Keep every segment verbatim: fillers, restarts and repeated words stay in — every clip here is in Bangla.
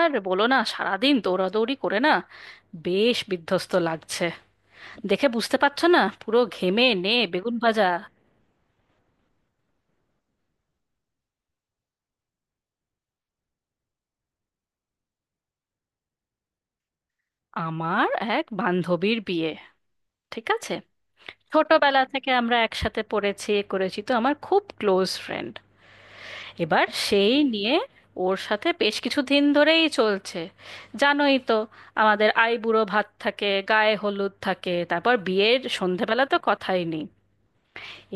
আর বলো না, সারাদিন দৌড়াদৌড়ি করে না, বেশ বিধ্বস্ত লাগছে। দেখে বুঝতে পারছো না, পুরো ঘেমে নে বেগুন ভাজা। আমার এক বান্ধবীর বিয়ে। ঠিক আছে, ছোটবেলা থেকে আমরা একসাথে পড়েছি, এ করেছি, তো আমার খুব ক্লোজ ফ্রেন্ড। এবার সেই নিয়ে ওর সাথে বেশ কিছু দিন ধরেই চলছে। জানোই তো, আমাদের আইবুড়ো ভাত থাকে, গায়ে হলুদ থাকে, তারপর বিয়ের সন্ধেবেলা তো কথাই নেই।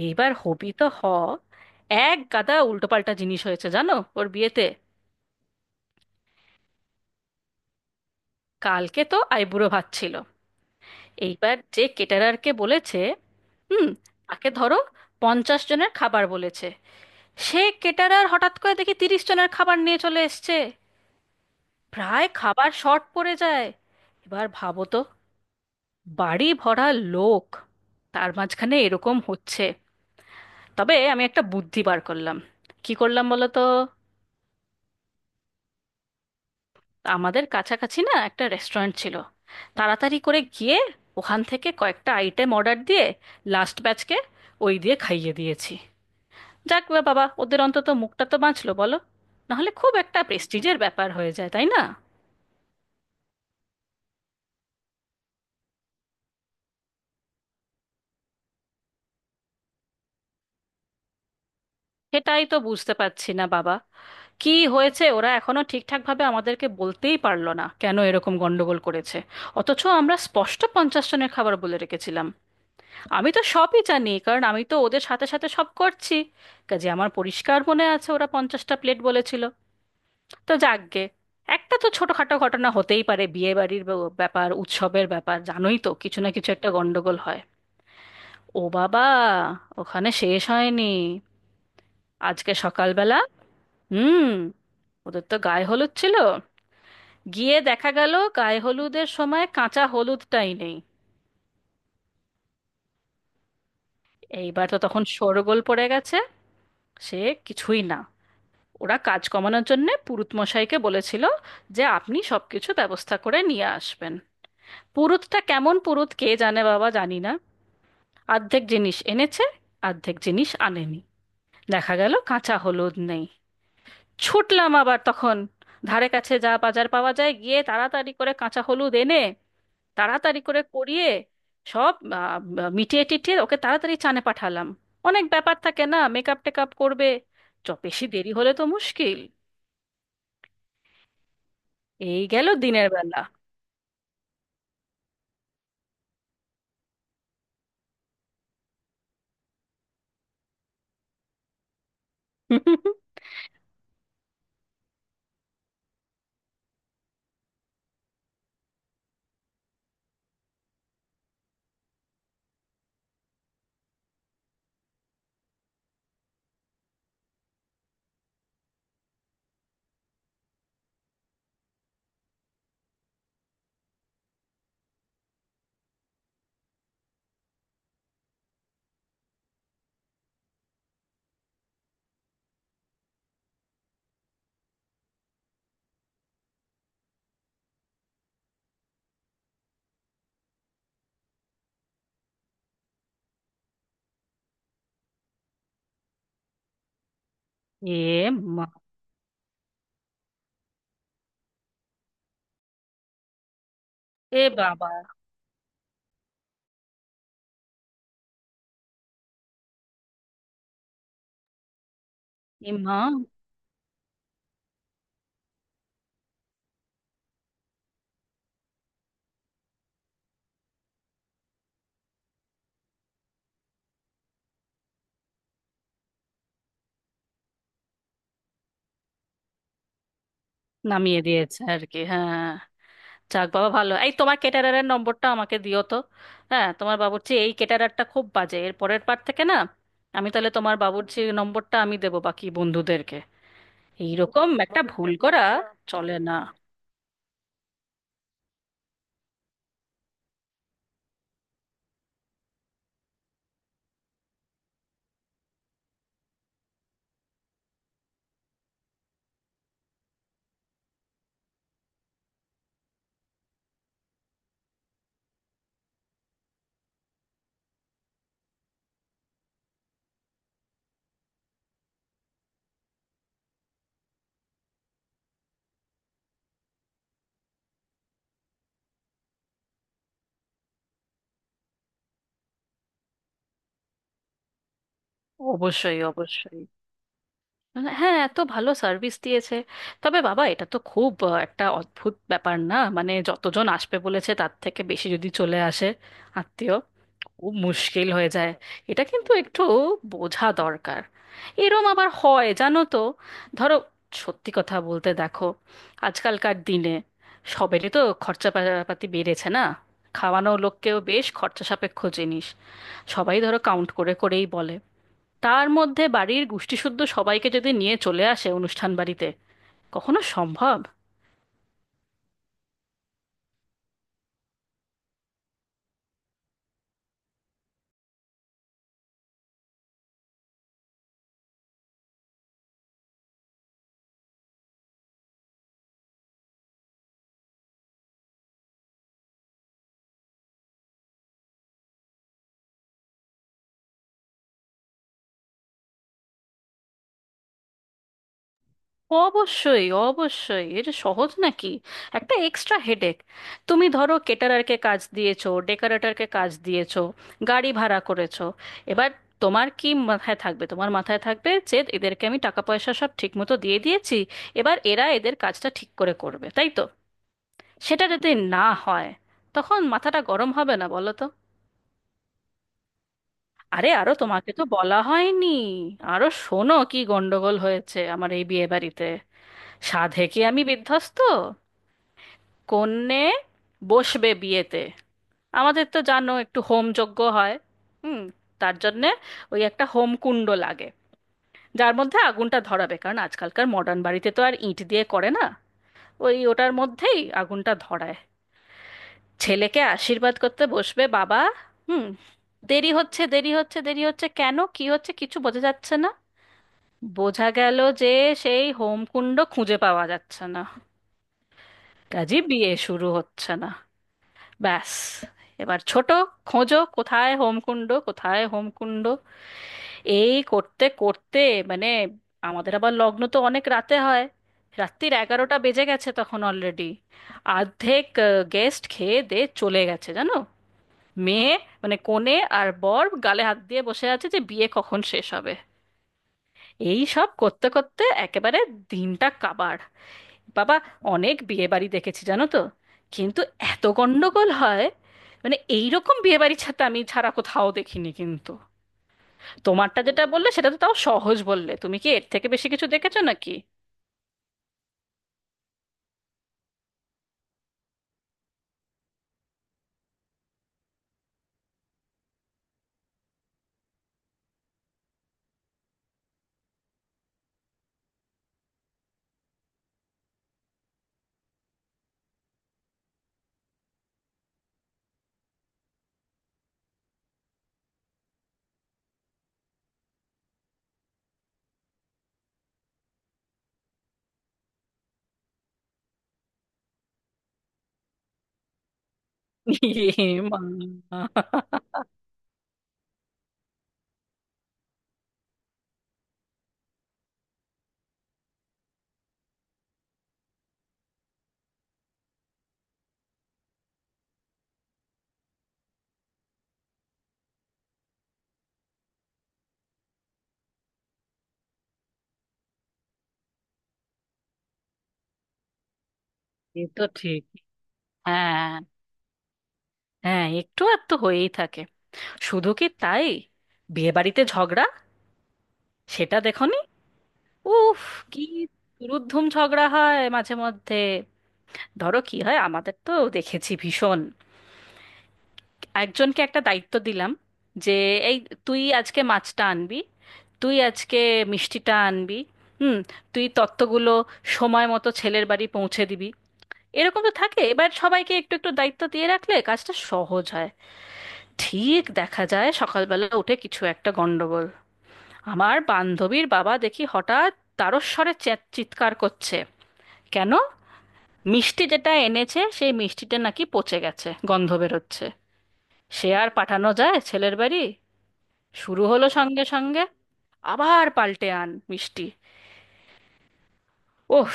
এইবার হবি তো হ, এক গাদা উল্টোপাল্টা জিনিস হয়েছে জানো ওর বিয়েতে। কালকে তো আইবুড়ো ভাত ছিল। এইবার যে কেটারারকে বলেছে, হুম, তাকে ধরো পঞ্চাশ জনের খাবার বলেছে। সে কেটারার হঠাৎ করে দেখি তিরিশ জনের খাবার নিয়ে চলে এসছে। প্রায় খাবার শর্ট পড়ে যায়। এবার ভাবো তো, বাড়ি ভরা লোক, তার মাঝখানে এরকম হচ্ছে। তবে আমি একটা বুদ্ধি বার করলাম। কি করলাম বলো তো? আমাদের কাছাকাছি না একটা রেস্টুরেন্ট ছিল, তাড়াতাড়ি করে গিয়ে ওখান থেকে কয়েকটা আইটেম অর্ডার দিয়ে লাস্ট ব্যাচকে ওই দিয়ে খাইয়ে দিয়েছি। যাক বা বাবা, ওদের অন্তত মুখটা তো বাঁচলো বলো। নাহলে খুব একটা প্রেস্টিজের ব্যাপার হয়ে যায়, তাই না? সেটাই তো বুঝতে পারছি না বাবা, কি হয়েছে। ওরা এখনো ঠিকঠাকভাবে আমাদেরকে বলতেই পারলো না কেন এরকম গন্ডগোল করেছে। অথচ আমরা স্পষ্ট পঞ্চাশ জনের খাবার বলে রেখেছিলাম। আমি তো সবই জানি, কারণ আমি তো ওদের সাথে সাথে সব করছি। কাজে আমার পরিষ্কার মনে আছে, ওরা পঞ্চাশটা প্লেট বলেছিল। তো যাকগে, একটা তো ছোটখাটো ঘটনা হতেই পারে। বিয়ে বাড়ির ব- ব্যাপার, উৎসবের ব্যাপার, জানোই তো কিছু না কিছু একটা গন্ডগোল হয়। ও বাবা, ওখানে শেষ হয়নি। আজকে সকালবেলা, হুম, ওদের তো গায়ে হলুদ ছিল। গিয়ে দেখা গেল গায়ে হলুদের সময় কাঁচা হলুদটাই নেই। এইবার তো তখন শোরগোল পড়ে গেছে। সে কিছুই না, ওরা কাজ কমানোর জন্যে পুরুত মশাইকে বলেছিল যে আপনি সবকিছু ব্যবস্থা করে নিয়ে আসবেন। পুরুতটা কেমন পুরুত কে জানে বাবা, জানি না। অর্ধেক জিনিস এনেছে, অর্ধেক জিনিস আনেনি। দেখা গেল কাঁচা হলুদ নেই। ছুটলাম আবার তখন, ধারে কাছে যা বাজার পাওয়া যায়, গিয়ে তাড়াতাড়ি করে কাঁচা হলুদ এনে তাড়াতাড়ি করে করিয়ে সব আহ, মিটিয়ে টিটিয়ে ওকে তাড়াতাড়ি চানে পাঠালাম। অনেক ব্যাপার থাকে না, মেকআপ টেকআপ করবে, চ বেশি দেরি হলে তো মুশকিল। এই গেল দিনের বেলা। এ মা, এ বাবা, এ মা, নামিয়ে দিয়েছে আর কি, হ্যাঁ। যাক বাবা, ভালো। এই, তোমার ক্যাটারারের নম্বরটা আমাকে দিও তো। হ্যাঁ, তোমার বাবুর্চি, এই ক্যাটারারটা খুব বাজে, এর পরের বার থেকে না আমি তাহলে তোমার বাবুর্চি নম্বরটা আমি দেবো বাকি বন্ধুদেরকে। এইরকম একটা ভুল করা চলে না। অবশ্যই অবশ্যই, হ্যাঁ, এত ভালো সার্ভিস দিয়েছে। তবে বাবা, এটা তো খুব আহ, একটা অদ্ভুত ব্যাপার না? মানে যতজন আসবে বলেছে তার থেকে বেশি যদি চলে আসে আত্মীয়, খুব মুশকিল হয়ে যায়। এটা কিন্তু একটু বোঝা দরকার। এরম আবার হয় জানো তো, ধরো সত্যি কথা বলতে দেখো, আজকালকার দিনে সবেরই তো খরচাপাতি বেড়েছে না, খাওয়ানো লোককেও বেশ খরচা সাপেক্ষ জিনিস। সবাই ধরো কাউন্ট করে করেই বলে। তার মধ্যে বাড়ির গোষ্ঠীসুদ্ধ সবাইকে যদি নিয়ে চলে আসে অনুষ্ঠান বাড়িতে, কখনো সম্ভব? অবশ্যই অবশ্যই, এটা সহজ নাকি, একটা এক্সট্রা হেডেক। তুমি ধরো কেটারারকে কাজ দিয়েছো, ডেকোরেটরকে কাজ দিয়েছো, গাড়ি ভাড়া করেছো। এবার তোমার কি মাথায় থাকবে? তোমার মাথায় থাকবে যে এদেরকে আমি টাকা পয়সা সব ঠিক মতো দিয়ে দিয়েছি, এবার এরা এদের কাজটা ঠিক করে করবে, তাই তো। সেটা যদি না হয়, তখন মাথাটা গরম হবে না বলো তো? আরে আরো তোমাকে তো বলা হয়নি। আরো শোনো কি গন্ডগোল হয়েছে আমার এই বিয়ে বাড়িতে। সাধে কি আমি বিধ্বস্ত। কন্যে বসবে বিয়েতে, আমাদের তো জানো একটু হোম যজ্ঞ হয়। হুম, তার জন্যে ওই একটা হোম কুণ্ড লাগে, যার মধ্যে আগুনটা ধরাবে, কারণ আজকালকার মডার্ন বাড়িতে তো আর ইঁট দিয়ে করে না। ওই ওটার মধ্যেই আগুনটা ধরায়। ছেলেকে আশীর্বাদ করতে বসবে বাবা, হুম। দেরি হচ্ছে, দেরি হচ্ছে, দেরি হচ্ছে, কেন কি হচ্ছে কিছু বোঝা যাচ্ছে না। বোঝা গেল যে সেই হোমকুণ্ড খুঁজে পাওয়া যাচ্ছে না। কাজী বিয়ে শুরু হচ্ছে না। ব্যাস, এবার ছোট, খোঁজো কোথায় হোমকুণ্ড, কোথায় হোমকুণ্ড। এই করতে করতে, মানে, আমাদের আবার লগ্ন তো অনেক রাতে হয়। রাত্রির এগারোটা বেজে গেছে তখন অলরেডি। অর্ধেক গেস্ট খেয়ে দে চলে গেছে জানো। মেয়ে, মানে কনে, আর বর গালে হাত দিয়ে বসে আছে যে বিয়ে কখন শেষ হবে। এই সব করতে করতে একেবারে দিনটা কাবার বাবা। অনেক বিয়ে বাড়ি দেখেছি জানো তো, কিন্তু এত গন্ডগোল হয় মানে এইরকম বিয়ে বাড়ি ছাড়া আমি ছাড়া কোথাও দেখিনি কিন্তু। তোমারটা যেটা বললে সেটা তো তাও সহজ বললে, তুমি কি এর থেকে বেশি কিছু দেখেছো নাকি? এ মা, এ তো ঠিক। হ্যাঁ, হ্যাঁ, একটু আর তো হয়েই থাকে। শুধু কি তাই, বিয়ে বাড়িতে ঝগড়া সেটা দেখোনি? উফ, কি দুরুদ্ধুম ঝগড়া হয় মাঝে মধ্যে। ধরো কি হয়, আমাদের তো দেখেছি ভীষণ, একজনকে একটা দায়িত্ব দিলাম যে এই তুই আজকে মাছটা আনবি, তুই আজকে মিষ্টিটা আনবি, হুম, তুই তত্ত্বগুলো সময় মতো ছেলের বাড়ি পৌঁছে দিবি। এরকম তো থাকে। এবার সবাইকে একটু একটু দায়িত্ব দিয়ে রাখলে কাজটা সহজ হয়। ঠিক দেখা যায় সকালবেলা উঠে কিছু একটা গন্ডগোল। আমার বান্ধবীর বাবা দেখি হঠাৎ তারস্বরে চ্যাট চিৎকার করছে। কেন? মিষ্টি যেটা এনেছে সেই মিষ্টিটা নাকি পচে গেছে, গন্ধ বেরোচ্ছে। সে আর পাঠানো যায় ছেলের বাড়ি? শুরু হলো সঙ্গে সঙ্গে, আবার পাল্টে আন মিষ্টি। ওহ,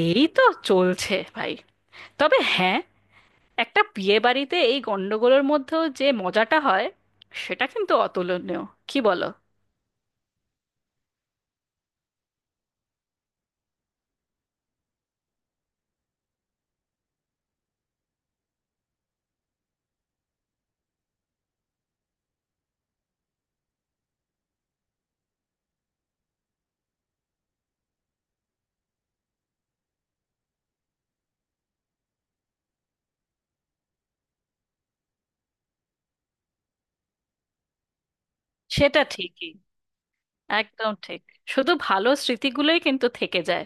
এই তো চলছে ভাই। তবে হ্যাঁ, একটা বিয়ে বাড়িতে এই গন্ডগোলের মধ্যেও যে মজাটা হয়, সেটা কিন্তু অতুলনীয়, কি বলো? সেটা ঠিকই, একদম ঠিক। শুধু ভালো স্মৃতিগুলোই কিন্তু থেকে যায়।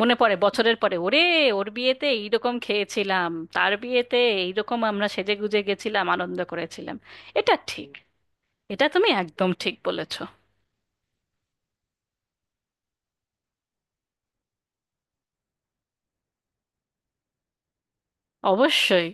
মনে পড়ে বছরের পরে, ওরে ওর বিয়েতে এইরকম খেয়েছিলাম, তার বিয়েতে এইরকম আমরা সেজে গুজে গেছিলাম, আনন্দ করেছিলাম। এটা ঠিক। এটা তুমি একদম ঠিক বলেছো। অবশ্যই।